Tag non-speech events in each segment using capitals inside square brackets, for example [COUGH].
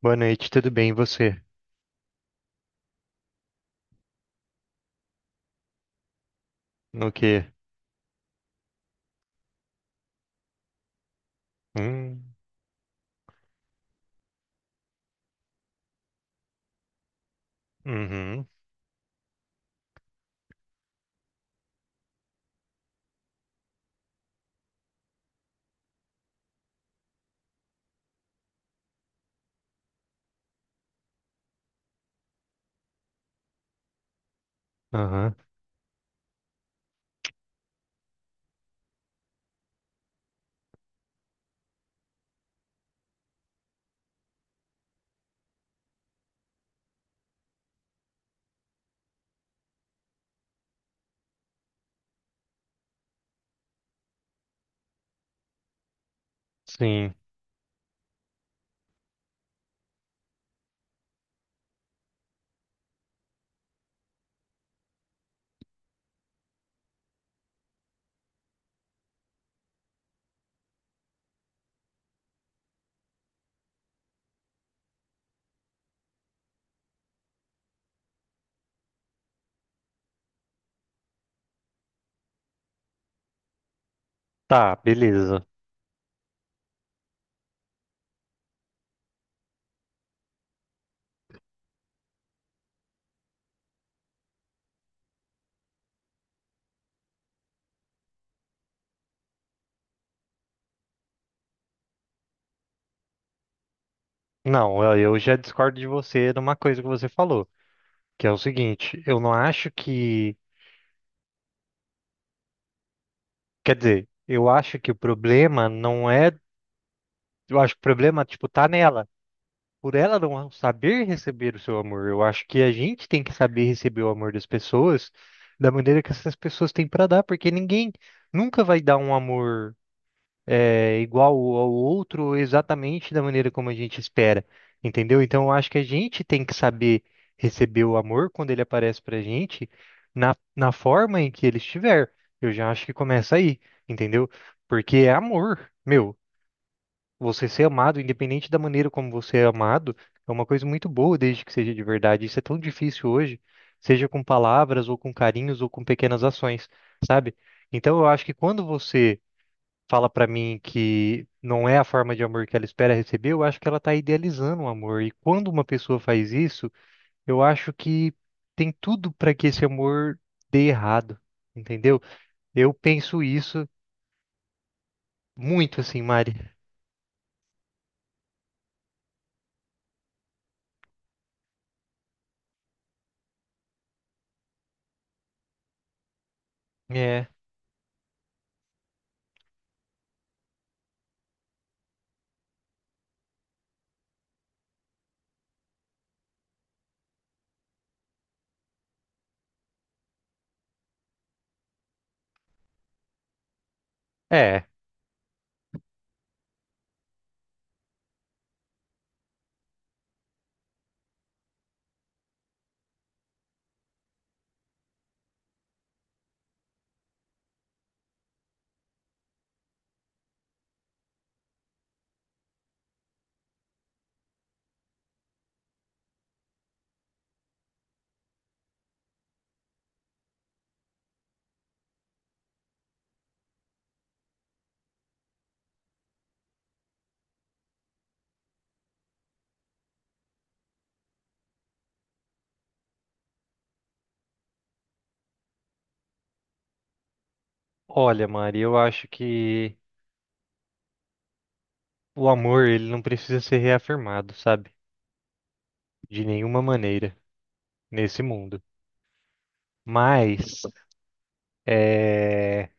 Boa noite, tudo bem? E você? No quê? Hum, uhum, aham, sim. Tá, beleza. Não, eu já discordo de você numa coisa que você falou, que é o seguinte, eu não acho que, quer dizer, eu acho que o problema não é, eu acho que o problema, tipo, tá nela, por ela não saber receber o seu amor. Eu acho que a gente tem que saber receber o amor das pessoas da maneira que essas pessoas têm pra dar, porque ninguém nunca vai dar um amor igual ao outro exatamente da maneira como a gente espera, entendeu? Então, eu acho que a gente tem que saber receber o amor quando ele aparece pra gente na forma em que ele estiver. Eu já acho que começa aí, entendeu? Porque é amor, meu. Você ser amado, independente da maneira como você é amado, é uma coisa muito boa, desde que seja de verdade. Isso é tão difícil hoje, seja com palavras, ou com carinhos, ou com pequenas ações, sabe? Então, eu acho que quando você fala pra mim que não é a forma de amor que ela espera receber, eu acho que ela tá idealizando o amor. E quando uma pessoa faz isso, eu acho que tem tudo pra que esse amor dê errado, entendeu? Eu penso isso muito assim, Mari. É, é. Olha, Mari, eu acho que o amor ele não precisa ser reafirmado, sabe? De nenhuma maneira nesse mundo. Mas é,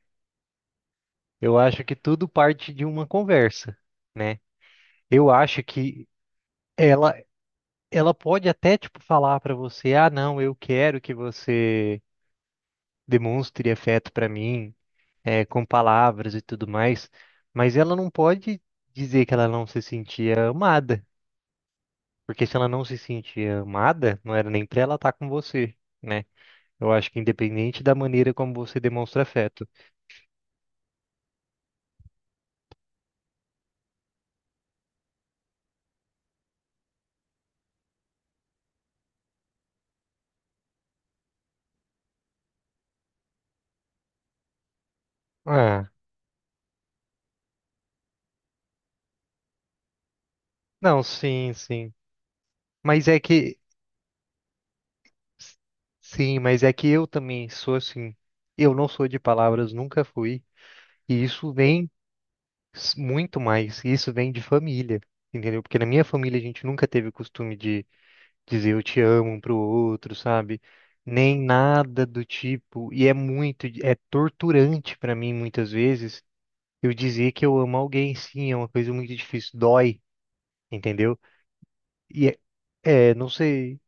eu acho que tudo parte de uma conversa, né? Eu acho que Ela, ela pode até tipo falar pra você, ah, não, eu quero que você demonstre afeto pra mim, com palavras e tudo mais, mas ela não pode dizer que ela não se sentia amada, porque se ela não se sentia amada, não era nem pra ela estar com você, né? Eu acho que independente da maneira como você demonstra afeto. Ah, não, sim, sim. Mas é que sim, mas é que eu também sou assim. Eu não sou de palavras, nunca fui. E isso vem muito mais. E isso vem de família, entendeu? Porque na minha família a gente nunca teve o costume de dizer eu te amo um pro outro, sabe? Nem nada do tipo. E é muito, é torturante pra mim muitas vezes eu dizer que eu amo alguém. Sim, é uma coisa muito difícil, dói, entendeu? E é, é, não sei,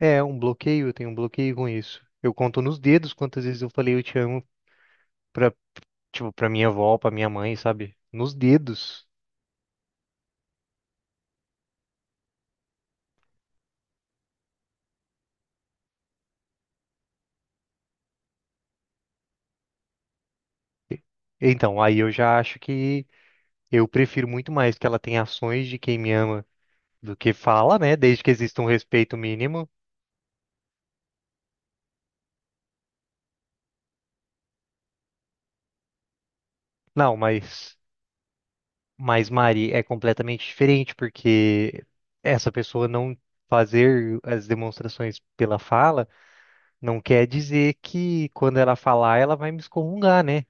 é um bloqueio, eu tenho um bloqueio com isso. Eu conto nos dedos quantas vezes eu falei eu te amo pra, tipo, pra minha avó, pra minha mãe, sabe? Nos dedos. Então, aí eu já acho que eu prefiro muito mais que ela tenha ações de quem me ama do que fala, né? Desde que exista um respeito mínimo. Não, mas Mari é completamente diferente, porque essa pessoa não fazer as demonstrações pela fala não quer dizer que quando ela falar, ela vai me excomungar, né?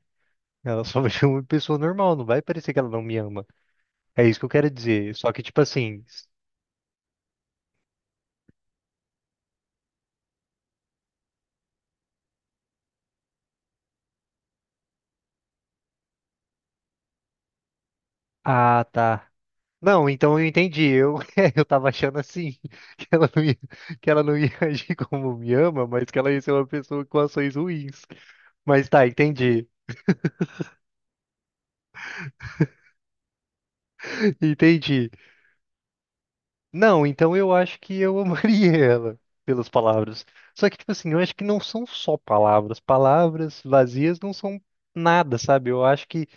Ela só vai [LAUGHS] ser uma pessoa normal, não vai parecer que ela não me ama. É isso que eu quero dizer. Só que, tipo assim, ah, tá. Não, então eu entendi. Eu, [LAUGHS] eu tava achando assim, [LAUGHS] que ela não ia, que ela não ia agir como me ama, mas que ela ia ser uma pessoa com ações ruins. Mas tá, entendi. [LAUGHS] Entendi. Não, então eu acho que eu amaria [LAUGHS] ela pelas palavras. Só que, tipo assim, eu acho que não são só palavras. Palavras vazias não são nada, sabe? Eu acho que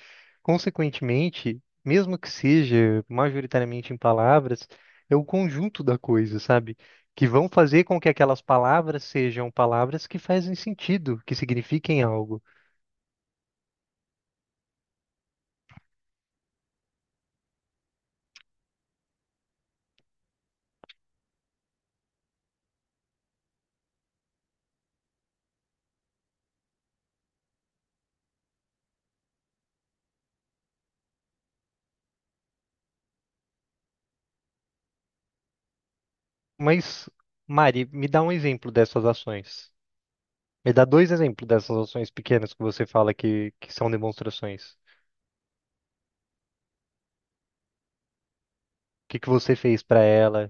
consequentemente, mesmo que seja majoritariamente em palavras, é o conjunto da coisa, sabe? Que vão fazer com que aquelas palavras sejam palavras que fazem sentido, que signifiquem algo. Mas, Mari, me dá um exemplo dessas ações. Me dá dois exemplos dessas ações pequenas que você fala que são demonstrações. O que que você fez para ela?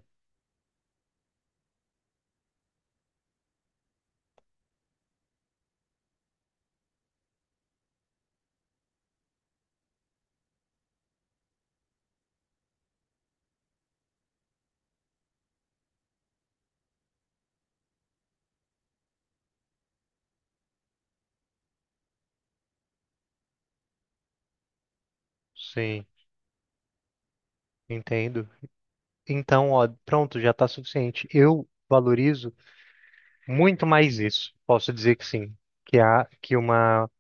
Sim, entendo. Então, ó, pronto, já tá suficiente. Eu valorizo muito mais isso. Posso dizer que sim. Que há que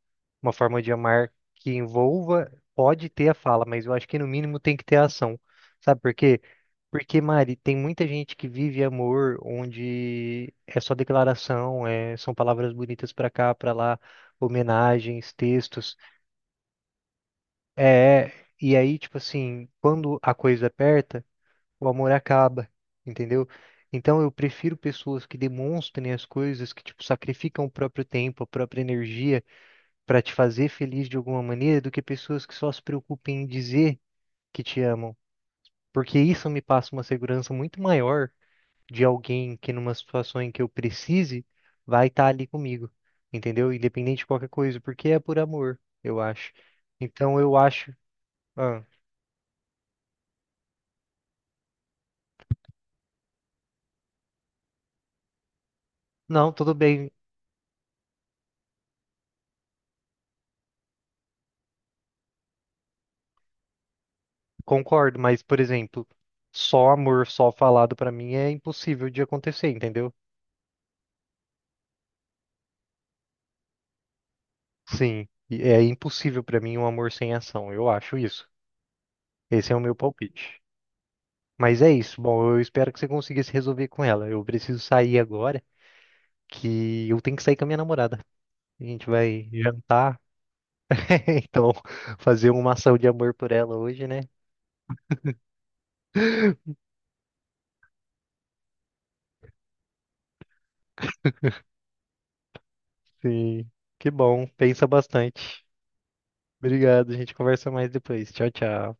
uma forma de amar que envolva pode ter a fala, mas eu acho que no mínimo tem que ter a ação. Sabe por quê? Porque, Mari, tem muita gente que vive amor onde é só declaração, é, são palavras bonitas pra cá, pra lá, homenagens, textos. É, e aí, tipo assim, quando a coisa aperta o amor acaba, entendeu? Então eu prefiro pessoas que demonstrem as coisas, que tipo sacrificam o próprio tempo, a própria energia para te fazer feliz de alguma maneira, do que pessoas que só se preocupem em dizer que te amam, porque isso me passa uma segurança muito maior de alguém que numa situação em que eu precise vai estar ali comigo, entendeu? Independente de qualquer coisa, porque é por amor, eu acho. Então eu acho, ah, não, tudo bem. Concordo, mas, por exemplo, só amor, só falado pra mim é impossível de acontecer, entendeu? Sim, e é impossível pra mim um amor sem ação, eu acho isso. Esse é o meu palpite. Mas é isso, bom, eu espero que você consiga se resolver com ela. Eu preciso sair agora, que eu tenho que sair com a minha namorada. A gente vai jantar, [LAUGHS] então fazer uma ação de amor por ela hoje, né? Sim, que bom, pensa bastante. Obrigado, a gente conversa mais depois. Tchau, tchau.